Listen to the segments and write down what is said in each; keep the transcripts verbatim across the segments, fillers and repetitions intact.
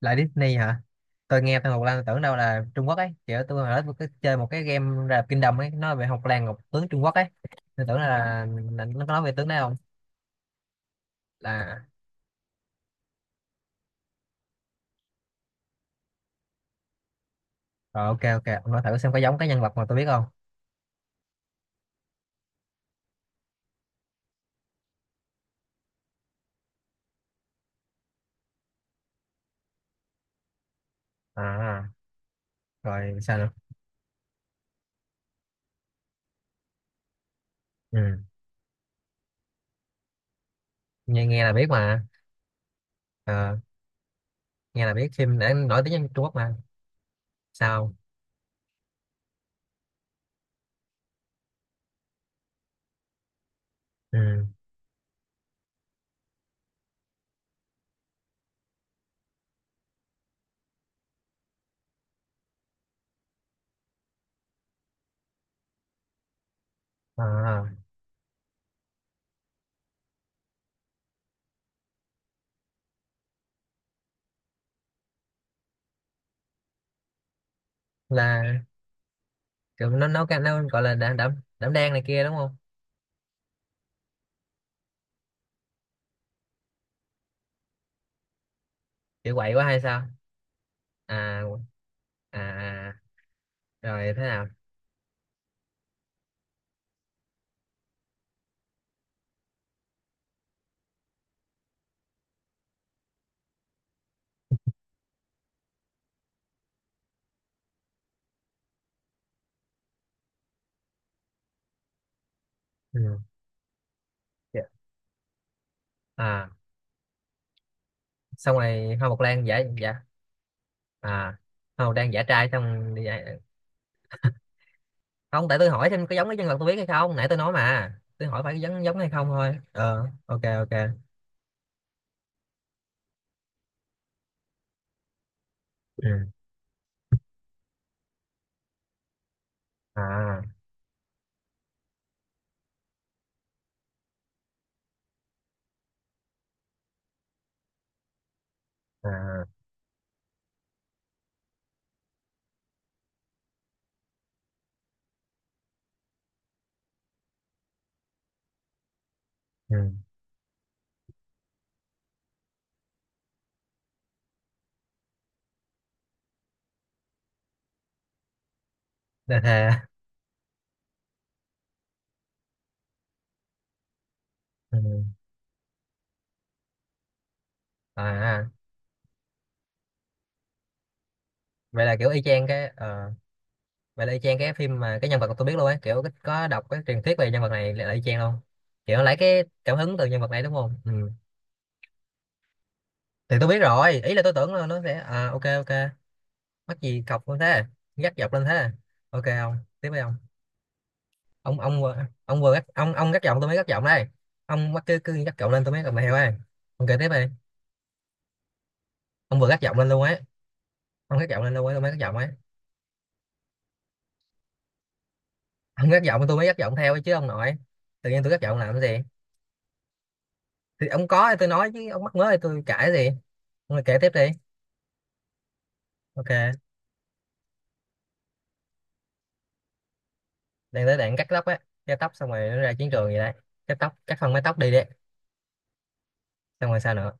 Lại Disney hả? Tôi nghe tôi Ngọc Lan tôi tưởng đâu là Trung Quốc ấy, kiểu tôi hồi đó tôi có chơi một cái game là Kingdom ấy, nói về Ngọc Lan, Ngọc tướng Trung Quốc ấy. Tôi tưởng là, là nó có nói về tướng đấy không? Là rồi, ok ok, ông nói thử xem có giống cái nhân vật mà tôi biết không. À, rồi sao nữa? Ừ. Nghe nghe là biết mà. Ờ, nghe là biết phim đã nổi tiếng nhất Trung Quốc mà. Sao? Ừ. À, à. Là kiểu nó nấu cái nó gọi là đảm đảm đảm đang này kia đúng không? Kiểu quậy quá hay sao? À, à à. Rồi thế nào? Ừ. Dạ. À, xong rồi hoa mộc lan giả giả. À, hoa mộc lan giả trai xong đi dạy. Không, tại tôi hỏi thêm có giống cái nhân vật tôi biết hay không, nãy tôi nói mà. Tôi hỏi phải giống giống hay không thôi. Ờ, ok ok. Ừ. À à. Ừ. Đa thề. Ừ. À, vậy là kiểu y chang cái ờ vậy là y chang cái phim mà cái nhân vật mà tôi biết luôn ấy, kiểu có đọc cái truyền thuyết về nhân vật này là y chang luôn. Kiểu nó lấy cái cảm hứng từ nhân vật này đúng không? Ừ. Thì tôi biết rồi, ý là tôi tưởng là nó sẽ à, ok ok. Mắc gì cọc luôn thế? Gắt dọc lên thế? Ok không? Tiếp đi ông ông Ông vừa, ông vừa gắt, ông ông gắt giọng tôi mới gắt giọng đây. Ông mắc cứ cứ gắt giọng lên tôi mới gắt mày heo ấy. Ông kể tiếp đi. Ông vừa gắt giọng lên luôn ấy. Ông gắt giọng lên luôn ấy tôi mới gắt giọng ấy. Ông gắt giọng tôi mới gắt giọng theo ấy chứ ông nội. Tự nhiên tôi gắt giọng làm cái gì? Thì ông có thì tôi nói, chứ ông mắc mớ thì tôi cãi gì. Ông lại kể tiếp đi. Ok. Đang tới đoạn cắt tóc á. Cắt tóc xong rồi nó ra chiến trường vậy đấy. Cắt tóc cắt phần mái tóc đi đấy. Xong rồi sao nữa?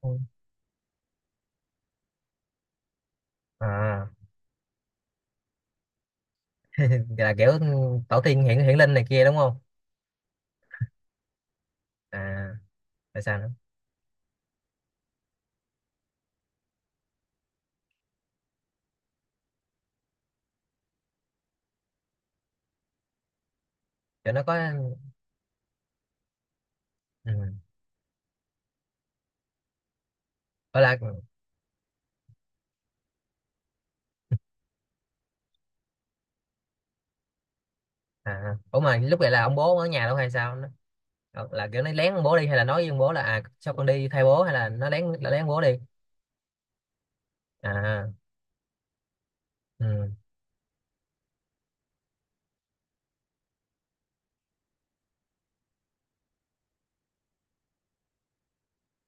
Ừ. À. Là kiểu tổ tiên hiện hiện linh này kia đúng không? À, tại sao nữa? Cho nó có. Ừ. Ở là. À à, ủa mà lúc vậy là ông bố ở nhà đâu hay sao nó? Ờ, là kiểu nó lén ông bố đi, hay là nói với ông bố là à sao con đi thay bố, hay là nó lén nó lén ông bố đi? À. Ừ.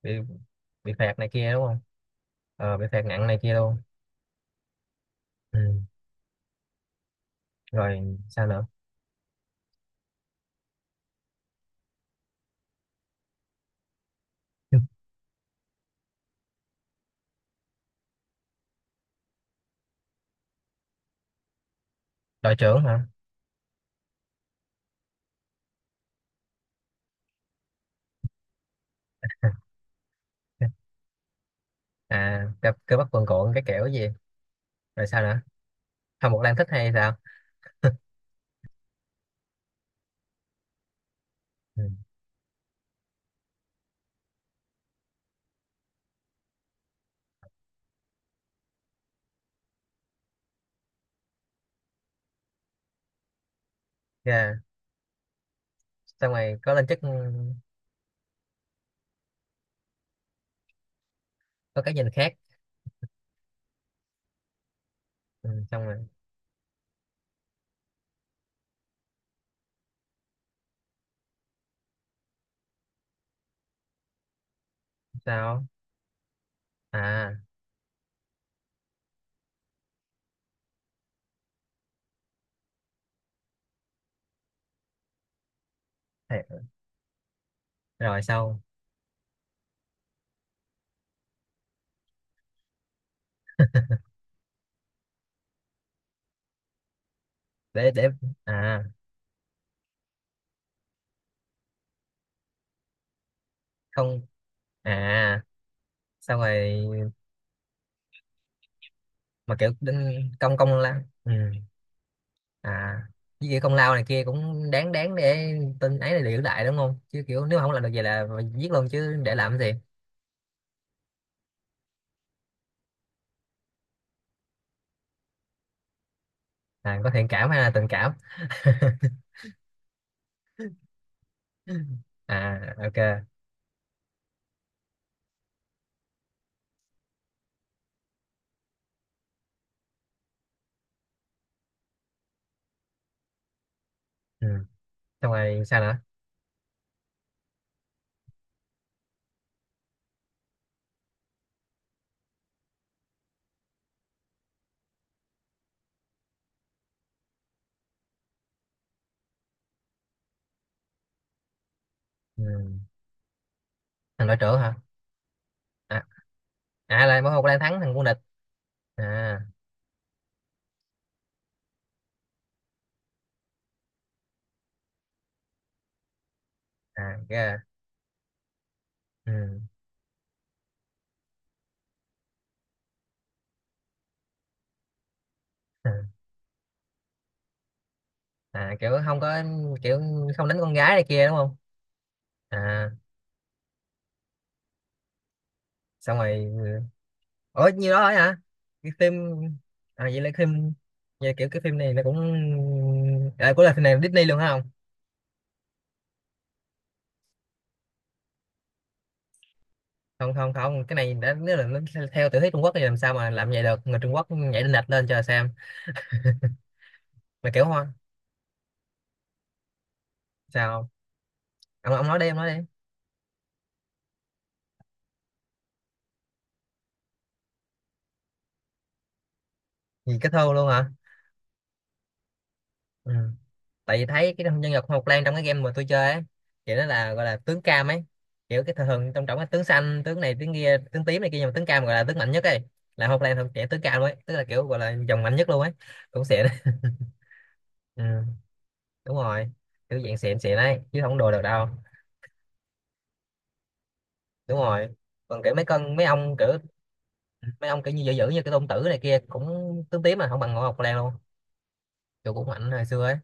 bị bị phạt này kia đúng không? Ờ bị phạt nặng này kia luôn. Ừ. Rồi sao nữa? Đội trưởng hả? À gặp cơ bắp cuồn cuộn cái kiểu gì? Rồi sao nữa? Không, một đang thích hay sao? Ừ. Yeah. Xong rồi có lên chức. Ừ, có cái nhìn khác. Ừ. Xong rồi sao? À. Thì. Rồi sau. Để để. À. Không. À. Xong rồi. Mà kiểu đến công công lao. Ừ. À với kiểu công lao này kia cũng đáng đáng để tin ấy là giữ lại đúng không, chứ kiểu nếu mà không làm được vậy là mà giết luôn chứ để làm cái gì. À có thiện cảm hay là tình cảm? À ok. Ừ. Xong rồi sao nữa? Ừ. Thằng đội trưởng hả? À, à là mỗi một đang thắng thằng quân địch. À. À ok. Ừ. À kiểu không có, kiểu không đánh con gái này kia đúng không? À. Xong rồi. Ủa nhiêu đó ấy hả? Cái phim. À vậy là phim, vậy kiểu cái phim này nó cũng à, của là phim này Disney luôn hả? Không không không không, cái này đã nếu là nó theo theo tiểu thuyết Trung Quốc thì làm sao mà làm vậy được, người Trung Quốc nhảy đinh đạch lên cho xem. Mà kiểu hoa. Sao? Ông ông nói đi, ông nói đi. Gì cái thơ luôn hả? Ừ. Tại vì thấy cái nhân vật Hoa Mộc Lan trong cái game mà tôi chơi ấy, kiểu nó là gọi là tướng cam ấy. Kiểu cái thường thường trong trọng cái tướng xanh tướng này tướng kia tướng tím này kia, nhưng mà tướng cam gọi là tướng mạnh nhất ấy. Là Hoa Mộc Lan thuộc trẻ tướng cam luôn ấy, tức là kiểu gọi là dòng mạnh nhất luôn ấy. Cũng xịn đấy. Ừ, đúng rồi. Kiểu dạng xịn xịn ấy chứ không đùa được đâu. Đúng rồi. Còn kiểu mấy con mấy ông kiểu, mấy ông kiểu như dữ dữ như cái tôn tử này kia cũng tướng tím mà không bằng Hoa Mộc Lan luôn. Kiểu cũng mạnh hồi xưa ấy.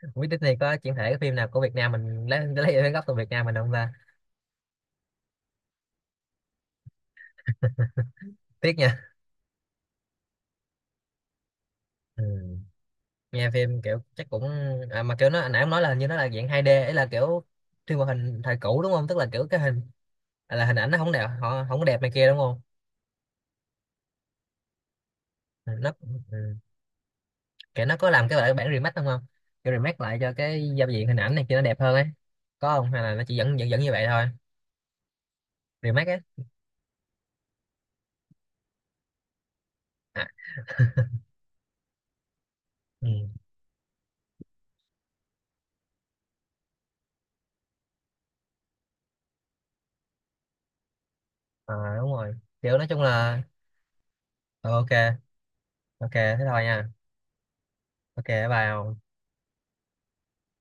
Không biết Disney có chuyển thể cái phim nào của Việt Nam mình, lấy lấy gốc từ Việt Nam mình không ta. Tiếc nha. Ừ. Nghe phim kiểu chắc cũng à, mà kiểu nó anh nãy ông nói là hình như nó là dạng hai đê ấy, là kiểu phim hoạt hình thời cũ đúng không, tức là kiểu cái hình. À, là hình ảnh nó không đẹp, họ không có đẹp này kia đúng không? Ừ, nó. Ừ. Kiểu nó có làm cái bản bản remake đúng không? Kiểu remake lại cho cái giao diện hình ảnh này kia nó đẹp hơn ấy. Có không, hay là nó chỉ vẫn vẫn vẫn như vậy thôi? Remake ấy. À. Ừ. À đúng rồi. Kiểu nói chung là. Ừ, ok. Ok thế thôi nha. Ok bye ông.